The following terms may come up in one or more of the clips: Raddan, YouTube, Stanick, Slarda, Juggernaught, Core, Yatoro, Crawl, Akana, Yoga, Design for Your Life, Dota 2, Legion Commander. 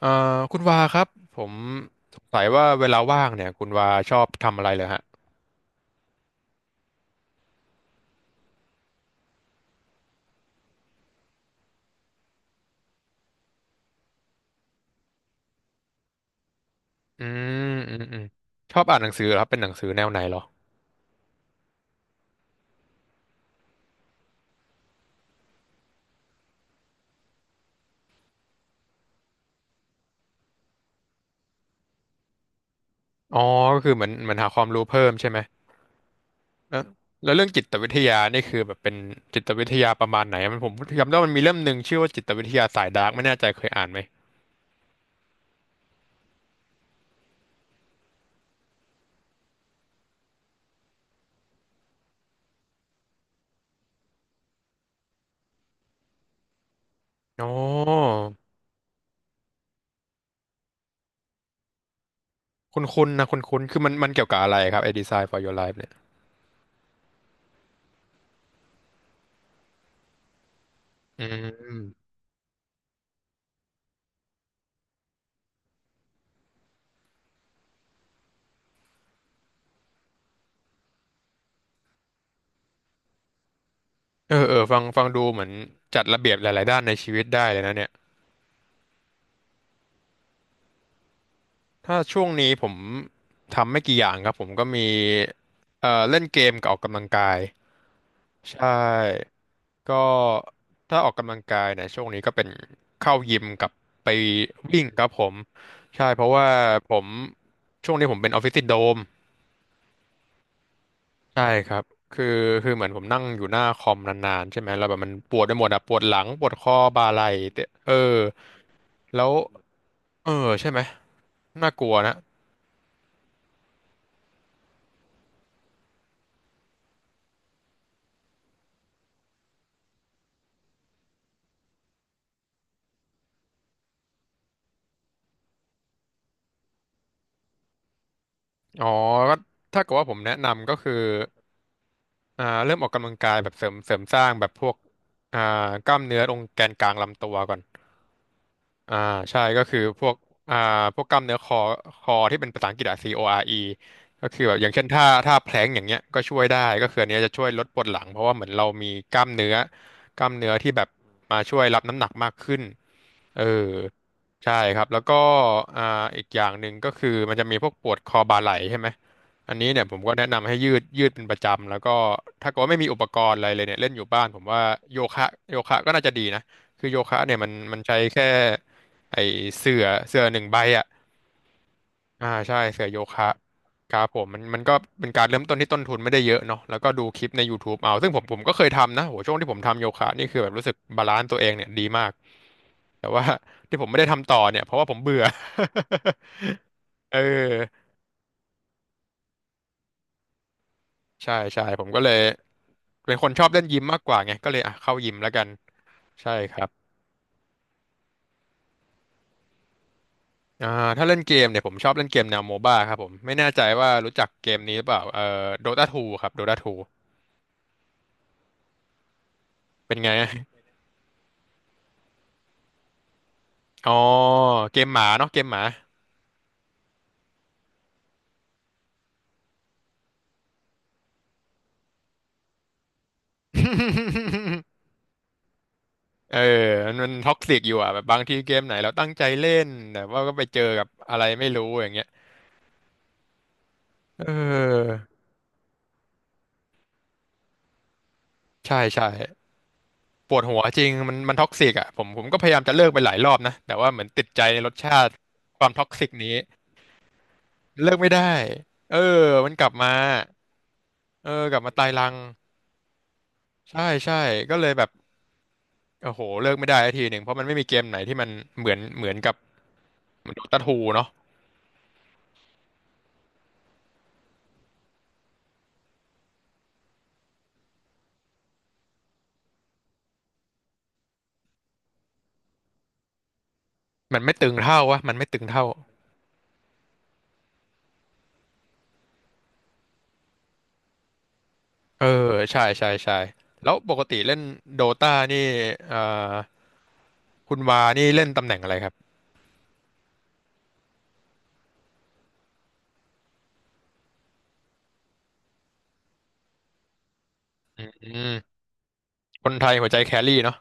เอ่อคุณวาครับผมสงสัยว่าเวลาว่างเนี่ยคุณวาชอบทำอะไรเลยฮะอืมอืมอืมชอบอ่านหนังสือเหรอครับเป็นหนังสือแนวไหนเหรออ๋อก็คือเหมือนหาความรู้เพิ่มใช่ไหมแล้วแล้วเรื่องจิตวิทยานี่คือแบบเป็นจิตวิทยาประมาณไหนมันผมจำได้ว่ามันมีเล่มหนึ่งชื่อว่าจิตวิทยาสายดาร์กไม่แน่ใจเคยอ่านไหมอ๋อคุณคือมันเกี่ยวกับอะไรครับไอ้ Design for Your Life เนี่ยอืมเออเออฟังดูเหมือนจัดระเบียบหลายๆด้านในชีวิตได้เลยนะเนี่ย ถ้าช่วงนี้ผมทำไม่กี่อย่างครับผมก็มีเล่นเกมกับออกกำลังกายใช่ก็ถ้าออกกำลังกายเนี่ยช่วงนี้ก็เป็นเข้ายิมกับไปวิ่งครับผมใช่เพราะว่าผมช่วงนี้ผมเป็นออฟฟิศซินโดรมใช่ครับคือคือเหมือนผมนั่งอยู่หน้าคอมนานๆใช่ไหมแล้วแบบมันปวดไปหมดอะปวดหลังปวดข้อบ่าไหล่เตะเออแล้วเออใช่ไหมน่ากลัวนะอ๋อก็ถ้าเกิดว่าผมแนะนำก็คือ เริ่มออกกำลังกายแบบเสริมสร้างแบบพวกอ่ากล้ามเนื้อตรงแกนกลางลำตัวก่อน อ่าใช่ก็คือพวกอ่าพวกกล้ามเนื้อคอที่เป็นภาษาอังกฤษอะ core ก็คือแบบอย่างเช่นท่าแพลงก์อย่างเงี้ยก็ช่วยได้ก็คืออันเนี้ยจะช่วยลดปวดหลังเพราะว่าเหมือนเรามีกล้ามเนื้อที่แบบมาช่วยรับน้ำหนักมากขึ้นเออใช่ครับแล้วก็อ่าอีกอย่างหนึ่งก็คือมันจะมีพวกปวดคอบ่าไหล่ใช่ไหมอันนี้เนี่ยผมก็แนะนำให้ยืดเป็นประจำแล้วก็ถ้าเกิดว่าไม่มีอุปกรณ์อะไรเลยเนี่ยเล่นอยู่บ้านผมว่าโยคะโยคะก็น่าจะดีนะ คือโยคะเนี่ยมันมันใช้แค่ไอเสื่อหนึ่งใบอ่ะใช่เสื่อโยคะครับผมมันมันก็เป็นการเริ่มต้นที่ต้นทุนไม่ได้เยอะเนาะแล้วก็ดูคลิปใน YouTube เอาซึ่งผมก็เคยทำนะโหช่วงที่ผมทำโยคะนี่คือแบบรู้สึกบาลานซ์ตัวเองเนี่ยดีมากแต่ว่า ที่ผมไม่ได้ทำต่อเนี่ยเพราะว่าผมเบื่อ เออใช่ใช่ผมก็เลยเป็นคนชอบเล่นยิมมากกว่าไงก็เลยอ่ะเข้ายิมแล้วกันใช่ครับ อ่าถ้าเล่นเกมเนี่ยผมชอบเล่นเกมแนวโมบ้าครับผมไม่แน่ใจว่ารู้จักเกมนี้หรือเปล่าโดตาทูครับโดตาทูเป็นไงอะอ๋อเกมหมาเนาะเกมหมา เออมันมันท็อกซิกอยู่อ่ะแบบบางทีเกมไหนเราตั้งใจเล่นแต่ว่าก็ไปเจอกับอะไรไม่รู้อย่างเงี้ยเออใช่ใช่ปวดหัวจริงมันมันท็อกซิกอ่ะผมก็พยายามจะเลิกไปหลายรอบนะแต่ว่าเหมือนติดใจในรสชาติความท็อกซิกนี้เลิกไม่ได้เออมันกลับมาเออกลับมาตายรัง ใช่ใช่ก็เลยแบบโอ้โหเลิกไม่ได้สักทีหนึ่งเพราะมันไม่มีเกมไหนที่มันเหมือนกับโดตาทูเนาะมันไม่ตึงเท่าวะมันไม่ตึงเท่าเออใช่ใช่ใช่แล้วปกติเล่นโดตานี่เอ่อคุณวานี่เล่นตำแหน่งอะไรครับอืมคนไทยหัวใจแครี่เนาะ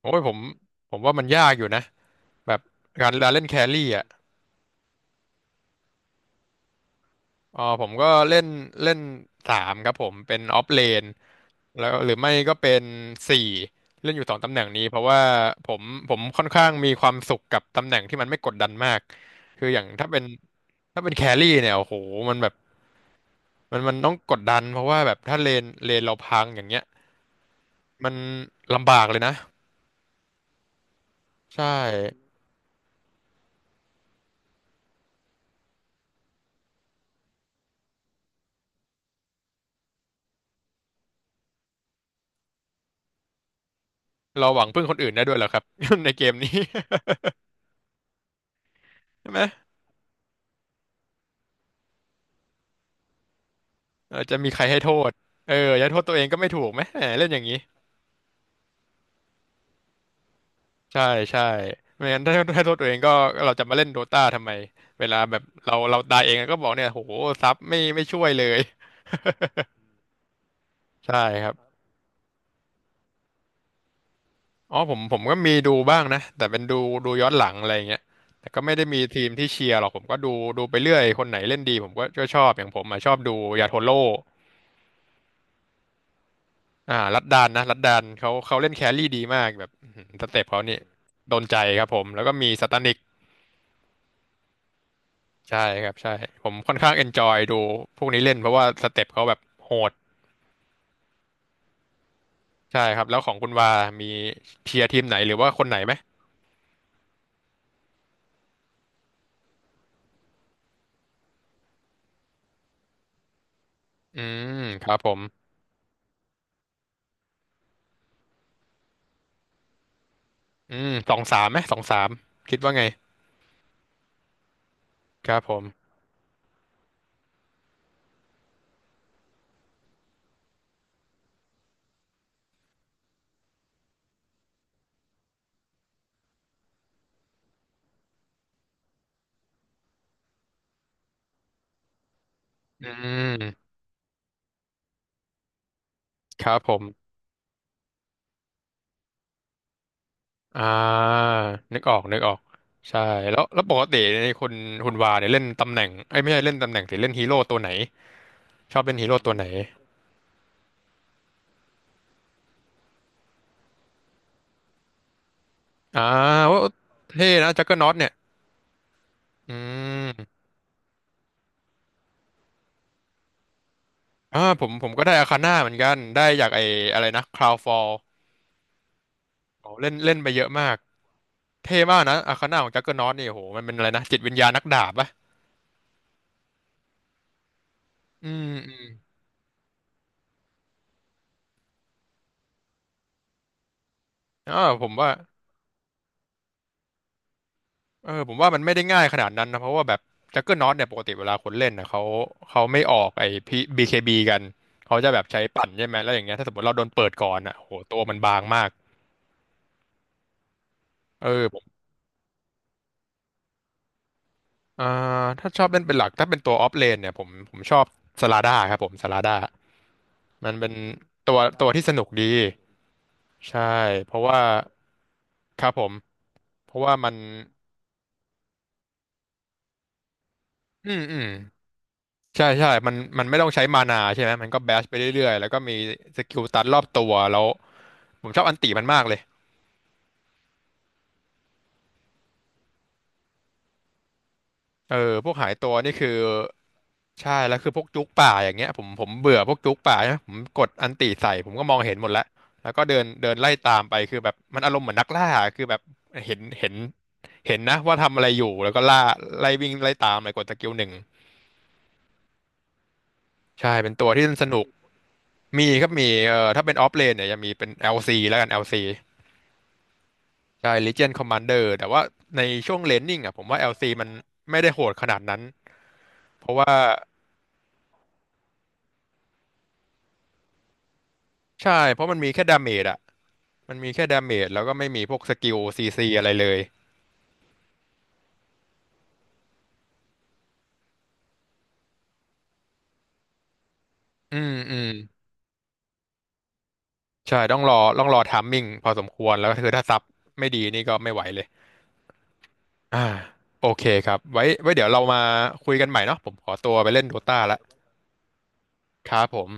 โอ้ยผมว่ามันยากอยู่นะแบบการเล่นแครี่อ่ะอ๋อผมก็เล่นเล่นสามครับผมเป็นออฟเลน แล้วหรือไม่ก็เป็นสี่เล่นอยู่สองตำแหน่งนี้เพราะว่าผมผมค่อนข้างมีความสุขกับตำแหน่งที่มันไม่กดดันมากคืออย่างถ้าเป็นแครี่เนี่ยโอ้โหมันแบบมันต้องกดดันเพราะว่าแบบถ้าเลนเราพังอย่างเงี้ยมันลำบากเลยนะใช่เราหวังพึ่งคนอื่นได้ด้วยเหรอครับ ในเกมนี้ ใช่ไหมเราจะมีใครให้โทษเออจะโทษตัวเองก็ไม่ถูกไหมแหมเล่นอย่างนี้ ใช่ใช่ไม่งั้นถ้าโทษตัวเองก็เราจะมาเล่นโดตาทำไมเวลาแบบเราตายเองก็บอกเนี่ยโหซับไม่ช่วยเลยใช่ครับอ๋อผมก็มีดูบ้างนะแต่เป็นดูดูย้อนหลังอะไรเงี้ยแต่ก็ไม่ได้มีทีมที่เชียร์หรอกผมก็ดูดูไปเรื่อยคนไหนเล่นดีผมก็ก็ชอบอย่างผมอะชอบดูยาโทโร่อ่ารัดดานนะรัดดานเขาเล่นแครี่ดีมากแบบอื้อหือสเต็ปเขานี่โดนใจครับผมแล้วก็มีสตานิกใช่ครับใช่ผมค่อนข้างเอนจอยดูพวกนี้เล่นเพราะว่าสเต็ปเขาแบบโหด ใช่ครับแล้วของคุณวามีเชียร์ทีมไหนหรือว่าคนไหนไหมอืมครับผมอืมสองสามไหมสองสามคิดว่าไงครับผมอืมครับผมอ่านึกออกนึกออกใช่แล้วปกติในคุณวาเนี่ยเล่นตำแหน่งไอ้ยไม่ใช่เล่นตำแหน่งสิเล่นฮีโร่ตัวไหนชอบเล่นฮีโร่ตัวไหนอ่าโอ้เท่นะจักเกอร์น็อตเนี่ยอืมอ่าผมก็ได้อาคาน่าเหมือนกันได้จากไอ้อะไรนะคราวฟอลเล่นเล่นไปเยอะมาก เท่มากนะอาคาน่าของจักเกอร์นอตนี่โโหมันเป็นอะไรนะจิตวิญญาณนักดาบปะอืมอืมอ่าผมว่าเออผมว่ามันไม่ได้ง่ายขนาดนั้นนะเพราะว่าแบบจักเกอร์นอตเนี่ยปกติเวลาคนเล่นนะเขาไม่ออกไอ้พีบีเคบีกันเขาจะแบบใช้ปั่นใช่ไหมแล้วอย่างเงี้ยถ้าสมมติเราโดนเปิดก่อนอ่ะโโหตัวมันบางมากเออผมอ่าถ้าชอบเล่นเป็นหลักถ้าเป็นตัวออฟเลนเนี่ยผมชอบสลาด้าครับผมสลาด้ามันเป็นตัวที่สนุกดีใช่เพราะว่าครับผมเพราะว่ามันอืมอืม ใช่ใช่มันไม่ต้องใช้มานาใช่ไหม มันก็แบชไปเรื่อยๆแล้วก็มีสกิลตันรอบตัวแล้วผมชอบอันติมันมากเลยเออพวกหายตัวนี่คือใช่ แล้วคือพวกจุกป่าอย่างเงี้ยผมเบื่อพวกจุกป่าใช่ไหมผมกดอันติใส่ผมก็มองเห็นหมดแล้วแล้วก็เดินเดินไล่ตามไปคือแบบมันอารมณ์เหมือนนักล่า คือแบบเห็นเห็นเห็นนะว่าทำอะไรอยู่ แล้วก็ล่าไล่วิ่งไล่ตามเลยกดสกิลหนึ่งใช่ เป็นตัวที่สนุกมีครับมีถ้าเป็นออฟเลนเนี่ยจะมีเป็นแอลซีแล้วกันแอลซี ใช่ Legion Commander แต่ว่าในช่วงเลนนิ่งอ่ะผมว่า LC มันไม่ได้โหดขนาดนั้นเพราะว่าใช่เพราะมันมีแค่ดาเมจอ่ะมันมีแค่ดาเมจแล้วก็ไม่มีพวกสกิล CC อะไรเลยอืมอืมใช่ต้องรอไทามมิ่งพอสมควรแล้วก็คือถ้าซับไม่ดีนี่ก็ไม่ไหวเลยอ่าโอเคครับไว้ไว้เดี๋ยวเรามาคุยกันใหม่เนาะผมขอตัวไปเล่นโดตาละครับผม